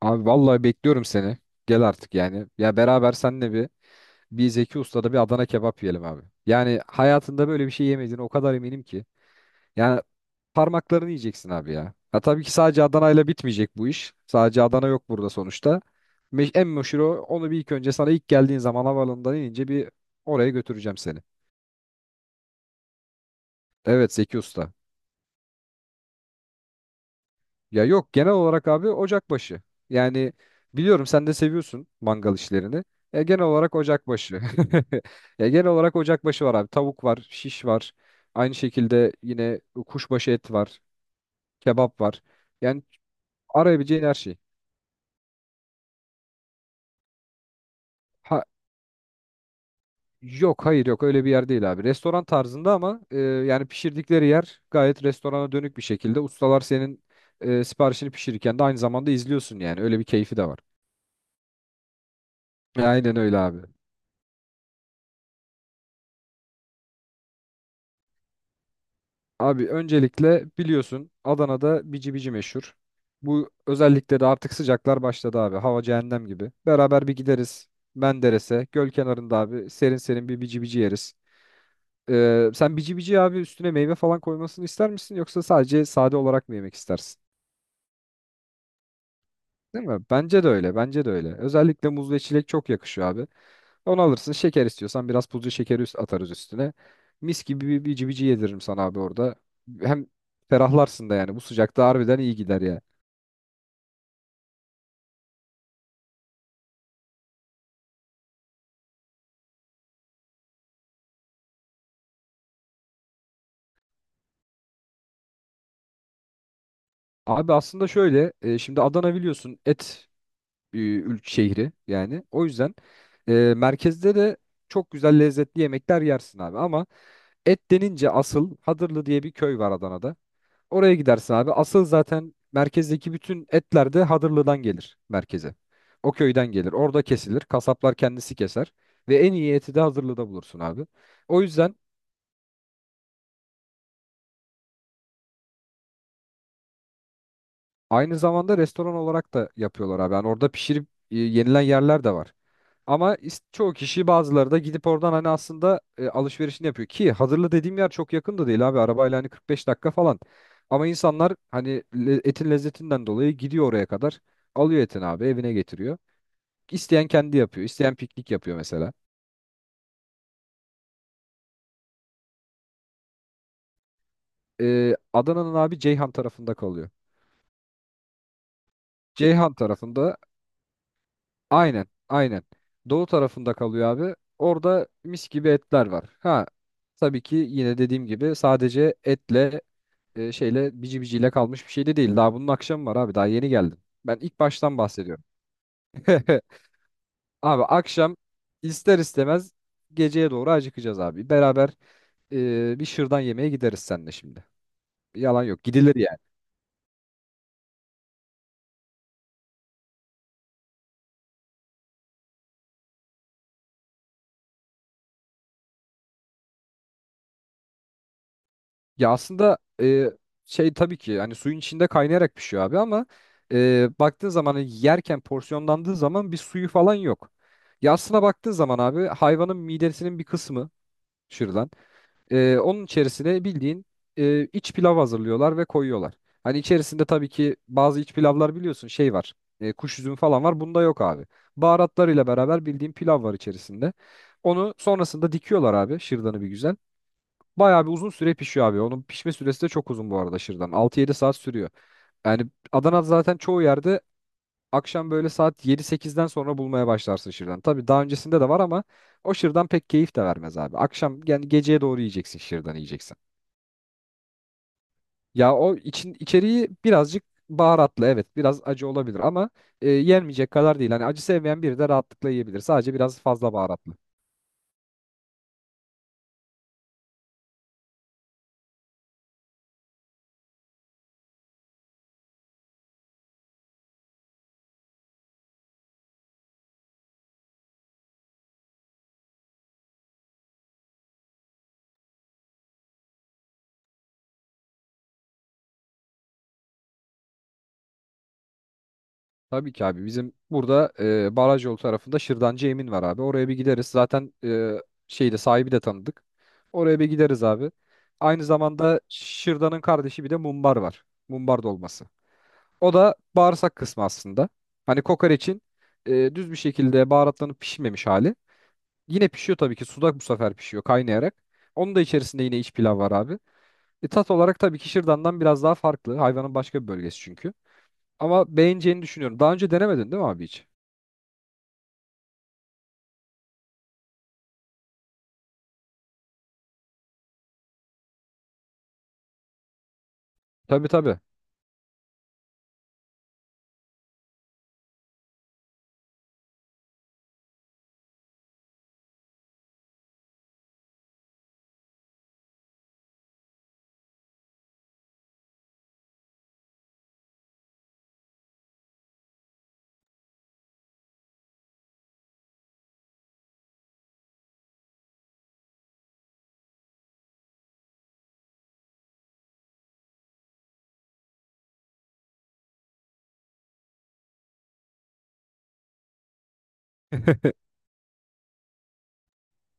Abi vallahi bekliyorum seni. Gel artık yani. Ya beraber senle bir Zeki Usta'da bir Adana kebap yiyelim abi. Yani hayatında böyle bir şey yemediğine o kadar eminim ki. Yani parmaklarını yiyeceksin abi ya. Ha tabii ki sadece Adana'yla bitmeyecek bu iş. Sadece Adana yok burada sonuçta. En meşhur o. Onu bir ilk önce sana ilk geldiğin zaman havaalanından inince bir oraya götüreceğim seni. Evet Zeki Usta. Ya yok genel olarak abi ocakbaşı. Yani biliyorum sen de seviyorsun mangal işlerini. Genel olarak ocakbaşı. Ya genel olarak ocakbaşı var abi. Tavuk var, şiş var. Aynı şekilde yine kuşbaşı et var, kebap var. Yani arayabileceğin her şey. Ha yok hayır yok öyle bir yer değil abi. Restoran tarzında ama yani pişirdikleri yer gayet restorana dönük bir şekilde. Ustalar senin siparişini pişirirken de aynı zamanda izliyorsun yani. Öyle bir keyfi de var. Aynen öyle abi. Abi öncelikle biliyorsun Adana'da bici bici meşhur. Bu özellikle de artık sıcaklar başladı abi. Hava cehennem gibi. Beraber bir gideriz Menderes'e. Göl kenarında abi serin serin bir bici bici yeriz. Sen bici bici abi üstüne meyve falan koymasını ister misin yoksa sadece sade olarak mı yemek istersin? Değil mi? Bence de öyle. Bence de öyle. Özellikle muz ve çilek çok yakışıyor abi. Onu alırsın. Şeker istiyorsan biraz pudra şekeri üst atarız üstüne. Mis gibi bir bici bici yediririm sana abi orada. Hem ferahlarsın da yani. Bu sıcakta harbiden iyi gider ya. Abi aslında şöyle. Şimdi Adana biliyorsun et şehri yani. O yüzden e, merkezde de çok güzel lezzetli yemekler yersin abi. Ama et denince asıl Hadırlı diye bir köy var Adana'da. Oraya gidersin abi. Asıl zaten merkezdeki bütün etler de Hadırlı'dan gelir merkeze. O köyden gelir. Orada kesilir. Kasaplar kendisi keser. Ve en iyi eti de Hadırlı'da bulursun abi. O yüzden aynı zamanda restoran olarak da yapıyorlar abi. Yani orada pişirip yenilen yerler de var. Ama çoğu kişi bazıları da gidip oradan hani aslında alışverişini yapıyor. Ki Hadırlı dediğim yer çok yakın da değil abi. Arabayla hani 45 dakika falan. Ama insanlar hani etin lezzetinden dolayı gidiyor oraya kadar. Alıyor etini abi evine getiriyor. İsteyen kendi yapıyor. İsteyen piknik yapıyor mesela. Adana'nın abi Ceyhan tarafında kalıyor. Ceyhan tarafında aynen aynen. Doğu tarafında kalıyor abi. Orada mis gibi etler var. Ha tabii ki yine dediğim gibi sadece etle şeyle bici biciyle kalmış bir şey de değil. Daha bunun akşamı var abi. Daha yeni geldim. Ben ilk baştan bahsediyorum. Abi akşam ister istemez geceye doğru acıkacağız abi. Beraber bir şırdan yemeye gideriz seninle şimdi. Yalan yok. Gidilir yani. Ya aslında şey tabii ki hani suyun içinde kaynayarak pişiyor abi ama baktığın zaman hani yerken porsiyonlandığı zaman bir suyu falan yok. Ya aslına baktığın zaman abi hayvanın midesinin bir kısmı şırdan. Onun içerisine bildiğin iç pilav hazırlıyorlar ve koyuyorlar. Hani içerisinde tabii ki bazı iç pilavlar biliyorsun şey var. Kuş üzümü falan var. Bunda yok abi. Baharatlarıyla beraber bildiğin pilav var içerisinde. Onu sonrasında dikiyorlar abi şırdanı bir güzel. Bayağı bir uzun süre pişiyor abi. Onun pişme süresi de çok uzun bu arada şırdan. 6-7 saat sürüyor. Yani Adana zaten çoğu yerde akşam böyle saat 7-8'den sonra bulmaya başlarsın şırdan. Tabii daha öncesinde de var ama o şırdan pek keyif de vermez abi. Akşam yani geceye doğru yiyeceksin şırdan yiyeceksin. Ya o için içeriği birazcık baharatlı evet biraz acı olabilir ama yenmeyecek kadar değil. Hani acı sevmeyen biri de rahatlıkla yiyebilir. Sadece biraz fazla baharatlı. Tabii ki abi bizim burada baraj yolu tarafında Şırdancı Emin var abi. Oraya bir gideriz. Zaten şeyde sahibi de tanıdık. Oraya bir gideriz abi. Aynı zamanda Şırdan'ın kardeşi bir de mumbar var. Mumbar dolması. O da bağırsak kısmı aslında. Hani kokoreçin düz bir şekilde baharatlanıp pişmemiş hali. Yine pişiyor tabii ki. Suda bu sefer pişiyor kaynayarak. Onun da içerisinde yine iç pilav var abi. Tat olarak tabii ki Şırdan'dan biraz daha farklı. Hayvanın başka bir bölgesi çünkü. Ama beğeneceğini düşünüyorum. Daha önce denemedin değil mi abi hiç? Tabii tabii.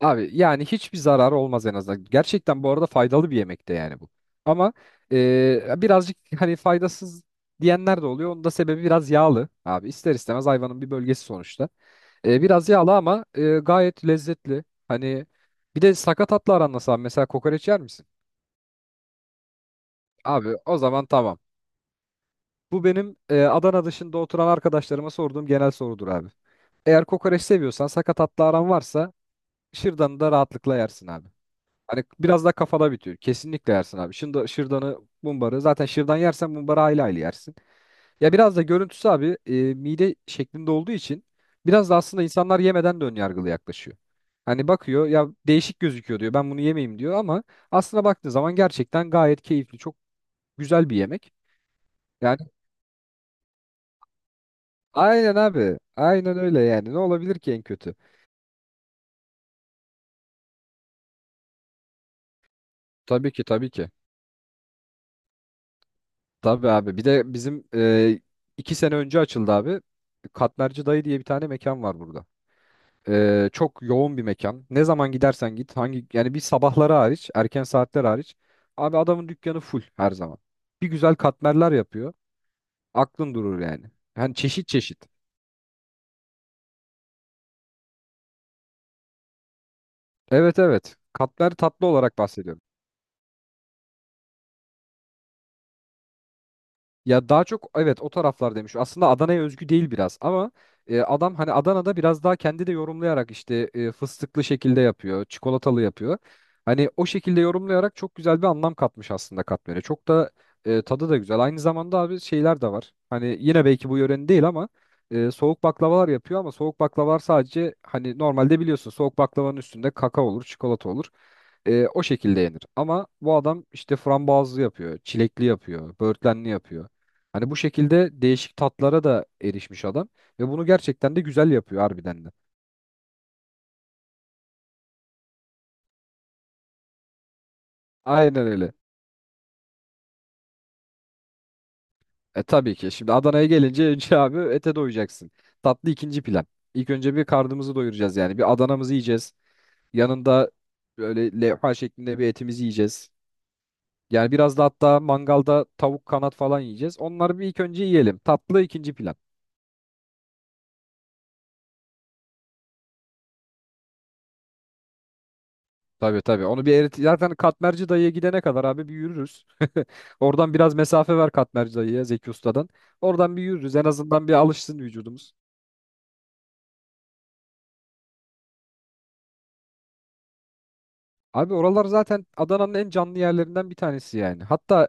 Abi yani hiçbir zararı olmaz en azından. Gerçekten bu arada faydalı bir yemek de yani bu. Ama birazcık hani faydasız diyenler de oluyor. Onun da sebebi biraz yağlı abi. İster istemez hayvanın bir bölgesi sonuçta. Biraz yağlı ama gayet lezzetli. Hani bir de sakatatla aran nasıl abi? Mesela kokoreç yer misin? Abi o zaman tamam. Bu benim Adana dışında oturan arkadaşlarıma sorduğum genel sorudur abi. Eğer kokoreç seviyorsan sakatatla aran varsa şırdanı da rahatlıkla yersin abi. Hani biraz daha kafada bitiyor. Kesinlikle yersin abi. Şırdanı, mumbarı. Zaten şırdan yersen mumbarı aile aile yersin. Ya biraz da görüntüsü abi mide şeklinde olduğu için biraz da aslında insanlar yemeden de ön yargılı yaklaşıyor. Hani bakıyor ya değişik gözüküyor diyor. Ben bunu yemeyeyim diyor ama aslına baktığı zaman gerçekten gayet keyifli, çok güzel bir yemek. Yani aynen abi. Aynen öyle yani. Ne olabilir ki en kötü? Tabii ki tabii ki. Tabii abi. Bir de bizim 2 sene önce açıldı abi. Katmerci Dayı diye bir tane mekan var burada. Çok yoğun bir mekan. Ne zaman gidersen git, hangi yani bir sabahları hariç, erken saatler hariç. Abi adamın dükkanı full her zaman. Bir güzel katmerler yapıyor. Aklın durur yani. Yani çeşit çeşit. Evet evet. Katmer tatlı olarak bahsediyorum. Ya daha çok evet o taraflar demiş. Aslında Adana'ya özgü değil biraz ama adam hani Adana'da biraz daha kendi de yorumlayarak işte fıstıklı şekilde yapıyor, çikolatalı yapıyor. Hani o şekilde yorumlayarak çok güzel bir anlam katmış aslında katmere. Çok da tadı da güzel. Aynı zamanda abi şeyler de var. Hani yine belki bu yörenin değil ama soğuk baklavalar yapıyor ama soğuk baklavalar sadece hani normalde biliyorsun soğuk baklavanın üstünde kakao olur, çikolata olur. O şekilde yenir. Ama bu adam işte frambuazlı yapıyor, çilekli yapıyor, böğürtlenli yapıyor. Hani bu şekilde değişik tatlara da erişmiş adam ve bunu gerçekten de güzel yapıyor harbiden de. Aynen öyle. E tabii ki. Şimdi Adana'ya gelince önce abi ete doyacaksın. Tatlı ikinci plan. İlk önce bir karnımızı doyuracağız yani. Bir Adana'mızı yiyeceğiz. Yanında böyle levha şeklinde bir etimizi yiyeceğiz. Yani biraz da hatta mangalda tavuk kanat falan yiyeceğiz. Onları bir ilk önce yiyelim. Tatlı ikinci plan. Tabii tabii. Onu bir erit zaten Katmerci dayıya gidene kadar abi bir yürürüz. Oradan biraz mesafe ver Katmerci dayıya Zeki Usta'dan. Oradan bir yürürüz. En azından bir alışsın vücudumuz. Abi oralar zaten Adana'nın en canlı yerlerinden bir tanesi yani. Hatta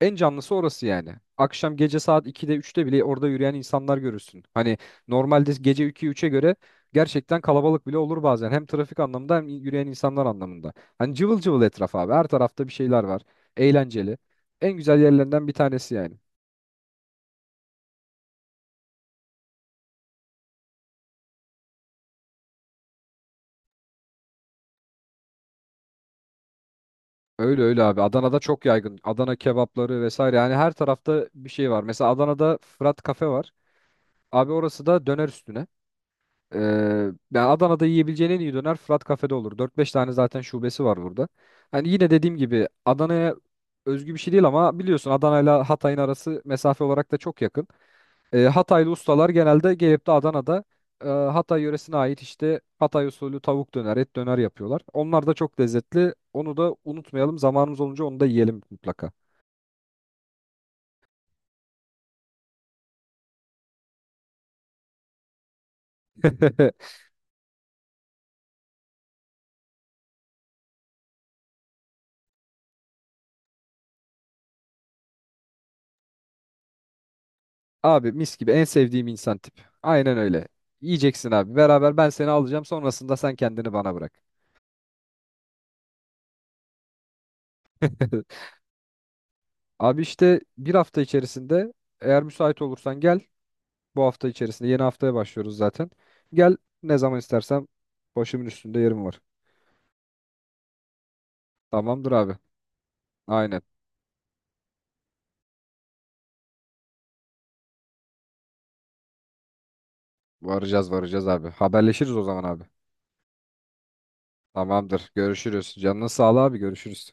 en canlısı orası yani. Akşam gece saat 2'de üçte bile orada yürüyen insanlar görürsün. Hani normalde gece 2 üçe göre gerçekten kalabalık bile olur bazen. Hem trafik anlamında hem yürüyen insanlar anlamında. Hani cıvıl cıvıl etraf abi. Her tarafta bir şeyler var. Eğlenceli. En güzel yerlerinden bir tanesi yani. Öyle öyle abi. Adana'da çok yaygın. Adana kebapları vesaire. Yani her tarafta bir şey var. Mesela Adana'da Fırat Kafe var. Abi orası da döner üstüne. Ee, yani Adana'da yiyebileceğin en iyi döner Fırat Kafe'de olur. Dört beş tane zaten şubesi var burada. Hani yine dediğim gibi Adana'ya özgü bir şey değil ama biliyorsun Adana'yla Hatay'ın arası mesafe olarak da çok yakın. Hataylı ustalar genelde gelip de Adana'da Hatay yöresine ait işte Hatay usulü tavuk döner, et döner yapıyorlar. Onlar da çok lezzetli. Onu da unutmayalım. Zamanımız olunca onu da yiyelim mutlaka. Abi mis gibi en sevdiğim insan tip. Aynen öyle. Yiyeceksin abi. Beraber ben seni alacağım. Sonrasında sen kendini bana bırak. Abi işte bir hafta içerisinde eğer müsait olursan gel. Bu hafta içerisinde yeni haftaya başlıyoruz zaten. Gel ne zaman istersen başımın üstünde yerim var. Tamamdır abi. Aynen. Varacağız varacağız abi. Haberleşiriz o zaman abi. Tamamdır. Görüşürüz. Canına sağlığı abi. Görüşürüz.